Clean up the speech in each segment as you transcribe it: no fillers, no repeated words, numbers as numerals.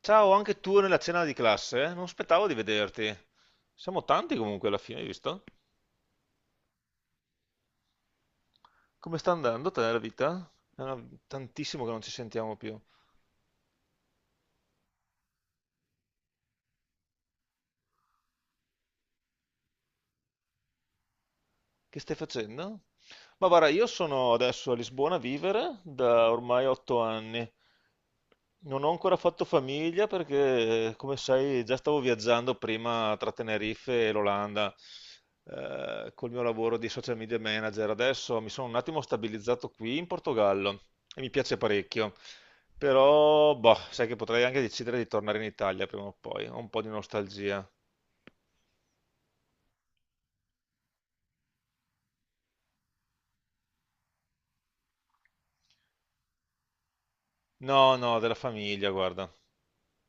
Ciao, anche tu nella cena di classe? Non aspettavo di vederti. Siamo tanti comunque alla fine, hai visto? Come sta andando te la vita? È tantissimo che non ci sentiamo più. Che stai facendo? Ma guarda, io sono adesso a Lisbona a vivere da ormai otto anni. Non ho ancora fatto famiglia perché, come sai, già stavo viaggiando prima tra Tenerife e l'Olanda col mio lavoro di social media manager. Adesso mi sono un attimo stabilizzato qui in Portogallo e mi piace parecchio. Però, boh, sai che potrei anche decidere di tornare in Italia prima o poi. Ho un po' di nostalgia. No, no, della famiglia, guarda.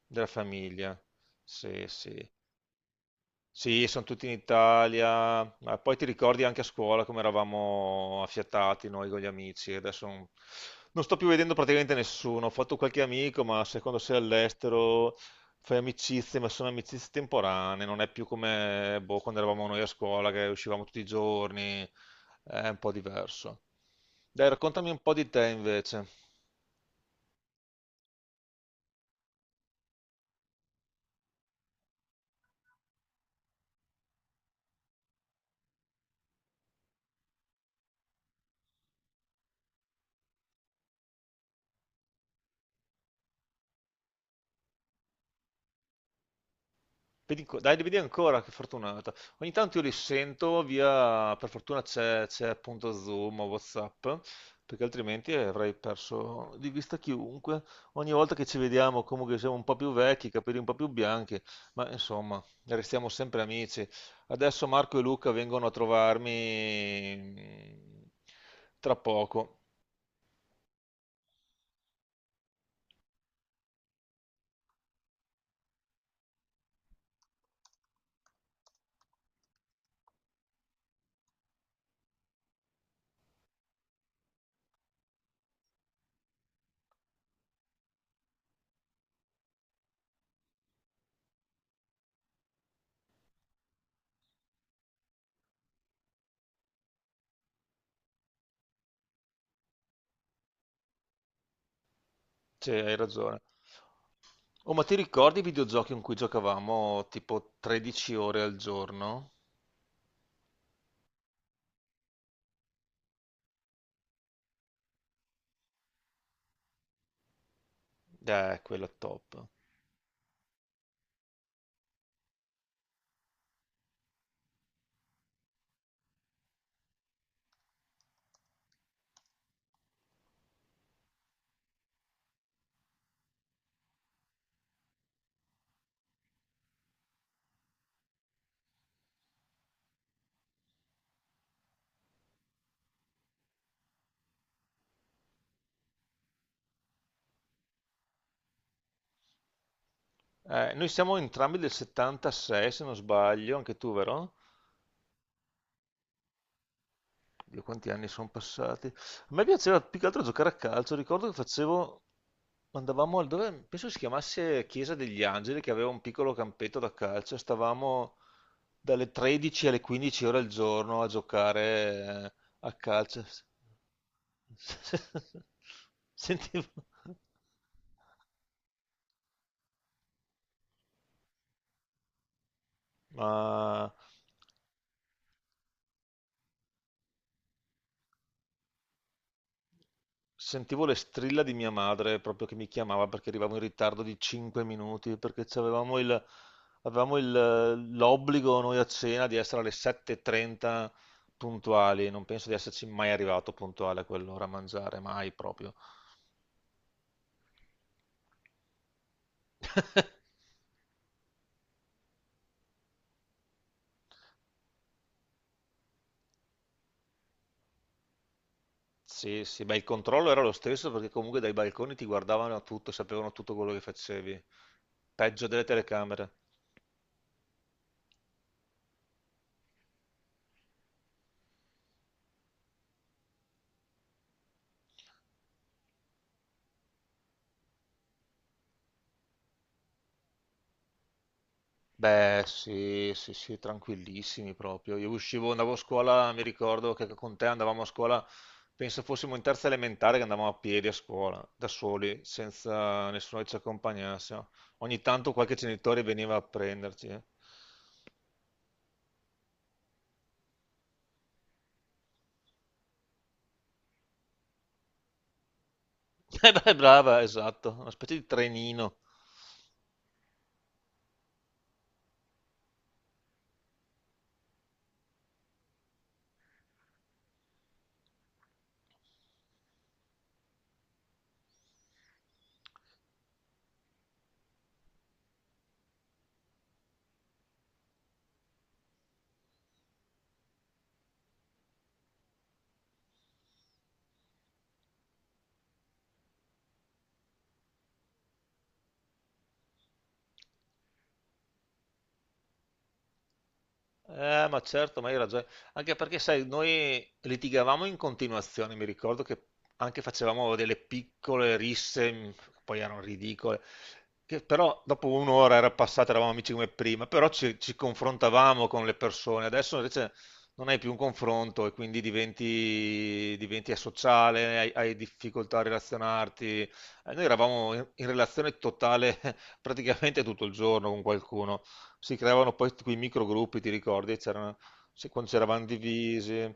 Della famiglia. Sì, sì. Sì, sono tutti in Italia, ma poi ti ricordi anche a scuola come eravamo affiatati noi con gli amici, adesso non sto più vedendo praticamente nessuno, ho fatto qualche amico, ma se quando sei all'estero fai amicizie, ma sono amicizie temporanee, non è più come boh, quando eravamo noi a scuola che uscivamo tutti i giorni, è un po' diverso. Dai, raccontami un po' di te invece. Dai, vedi ancora, che fortunata. Ogni tanto io li sento via, per fortuna c'è appunto Zoom o WhatsApp, perché altrimenti avrei perso di vista chiunque. Ogni volta che ci vediamo, comunque siamo un po' più vecchi, i capelli un po' più bianchi, ma insomma, restiamo sempre amici. Adesso Marco e Luca vengono a trovarmi tra poco, cioè, hai ragione. Oh, ma ti ricordi i videogiochi in cui giocavamo tipo 13 ore al giorno? Quello top. Noi siamo entrambi del '76, se non sbaglio, anche tu, vero? Dio, quanti anni sono passati. A me piaceva più che altro giocare a calcio. Ricordo che facevo, andavamo al dove, penso si chiamasse Chiesa degli Angeli, che aveva un piccolo campetto da calcio. Stavamo dalle 13 alle 15 ore al giorno a giocare a calcio. Sentivo, ma Sentivo le strilla di mia madre proprio che mi chiamava perché arrivavo in ritardo di 5 minuti perché l'obbligo noi a cena di essere alle 7:30 puntuali. Non penso di esserci mai arrivato puntuale a quell'ora a mangiare, mai proprio. Sì, sì, beh, il controllo era lo stesso perché comunque dai balconi ti guardavano tutto, sapevano tutto quello che facevi. Peggio delle telecamere. Beh, sì, sì, sì, tranquillissimi proprio. Io uscivo, andavo a scuola, mi ricordo che con te andavamo a scuola, penso fossimo in terza elementare che andavamo a piedi a scuola, da soli, senza nessuno che ci accompagnasse, no? Ogni tanto qualche genitore veniva a prenderci. Eh. Beh, brava, esatto, una specie di trenino. Ma certo, ma hai ragione. Anche perché, sai, noi litigavamo in continuazione, mi ricordo che anche facevamo delle piccole risse, poi erano ridicole, che però dopo un'ora era passata, eravamo amici come prima, però ci confrontavamo con le persone. Adesso invece non hai più un confronto e quindi diventi asociale, hai difficoltà a relazionarti. Noi eravamo in relazione totale praticamente tutto il giorno con qualcuno. Si creavano poi quei microgruppi, ti ricordi? C'erano, quando c'eravamo divisi.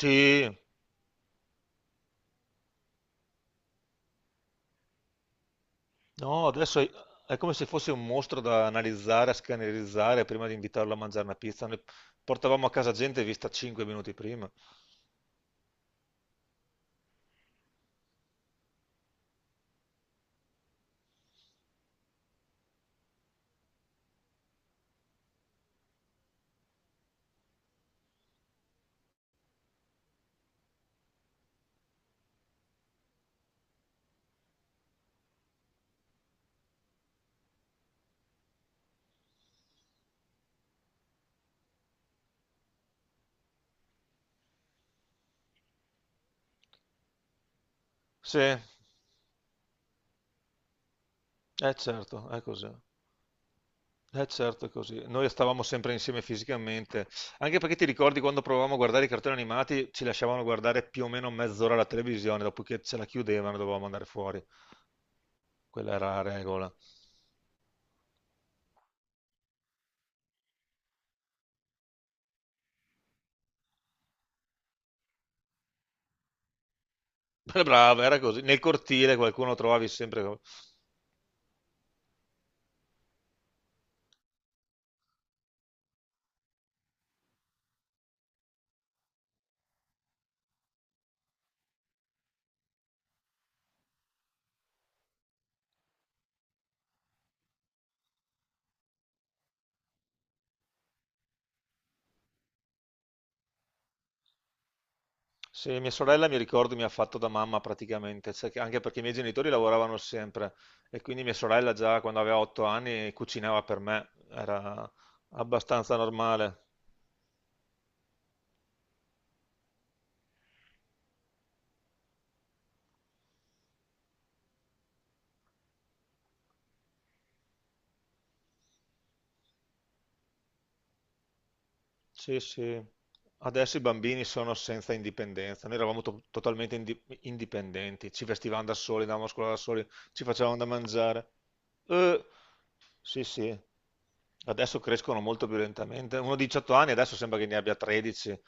Sì, no, adesso è come se fosse un mostro da analizzare, a scannerizzare prima di invitarlo a mangiare una pizza. Noi portavamo a casa gente vista 5 minuti prima. Sì, è certo, è così. Eh certo, così. Noi stavamo sempre insieme fisicamente, anche perché ti ricordi quando provavamo a guardare i cartoni animati, ci lasciavano guardare più o meno mezz'ora la televisione, dopodiché ce la chiudevano, dovevamo andare fuori. Quella era la regola. Brava, era così. Nel cortile qualcuno trovavi sempre. Sì, mia sorella mi ricordo mi ha fatto da mamma praticamente, anche perché i miei genitori lavoravano sempre e quindi mia sorella già quando aveva otto anni cucinava per me, era abbastanza normale. Sì, sì. Adesso i bambini sono senza indipendenza. Noi eravamo totalmente indipendenti, ci vestivamo da soli, andavamo a scuola da soli, ci facevamo da mangiare. Eh, sì, sì. Adesso crescono molto più lentamente. Uno di 18 anni adesso sembra che ne abbia 13.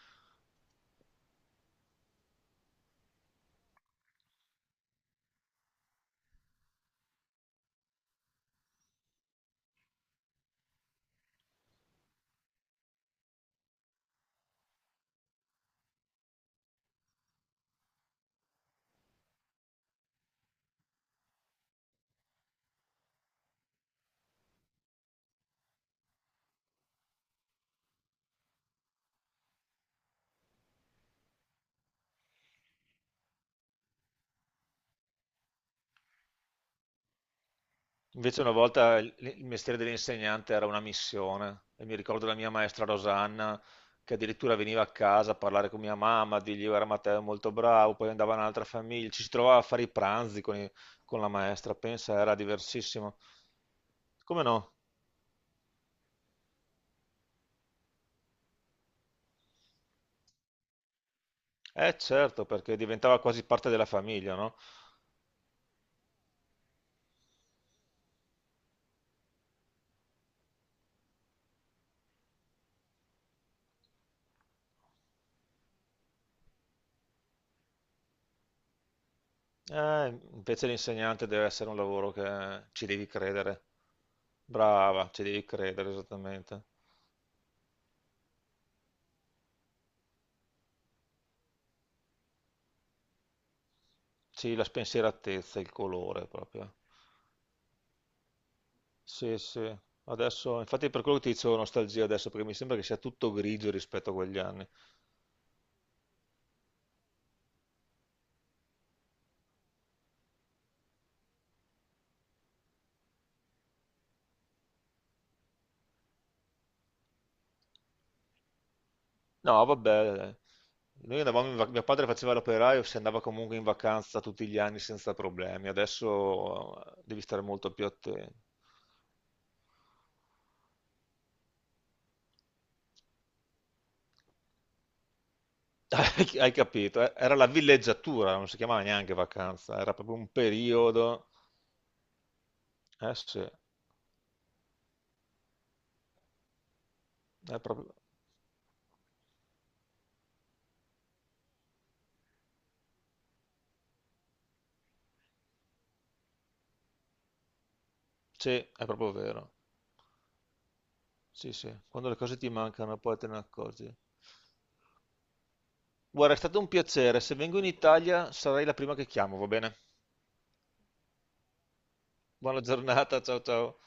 Invece una volta il mestiere dell'insegnante era una missione e mi ricordo la mia maestra Rosanna che addirittura veniva a casa a parlare con mia mamma, a dirgli era Matteo molto bravo, poi andava in un'altra famiglia, ci si trovava a fare i pranzi con la maestra, pensa, era diversissimo. Come no? Eh certo, perché diventava quasi parte della famiglia, no? Eh, invece l'insegnante deve essere un lavoro che ci devi credere. Brava, ci devi credere esattamente. Sì, la spensieratezza, il colore proprio. Sì, sì. Adesso, infatti per quello che ti dicevo nostalgia adesso, perché mi sembra che sia tutto grigio rispetto a quegli anni. No, vabbè, noi andavamo in vacanza, mio padre faceva l'operaio, si andava comunque in vacanza tutti gli anni senza problemi, adesso devi stare molto più attento. Hai capito, eh? Era la villeggiatura, non si chiamava neanche vacanza, era proprio un periodo. Eh sì, proprio, sì, è proprio vero. Sì, sì, quando le cose ti mancano poi te ne accorgi. Guarda, è stato un piacere. Se vengo in Italia sarai la prima che chiamo, va bene? Buona giornata, ciao ciao.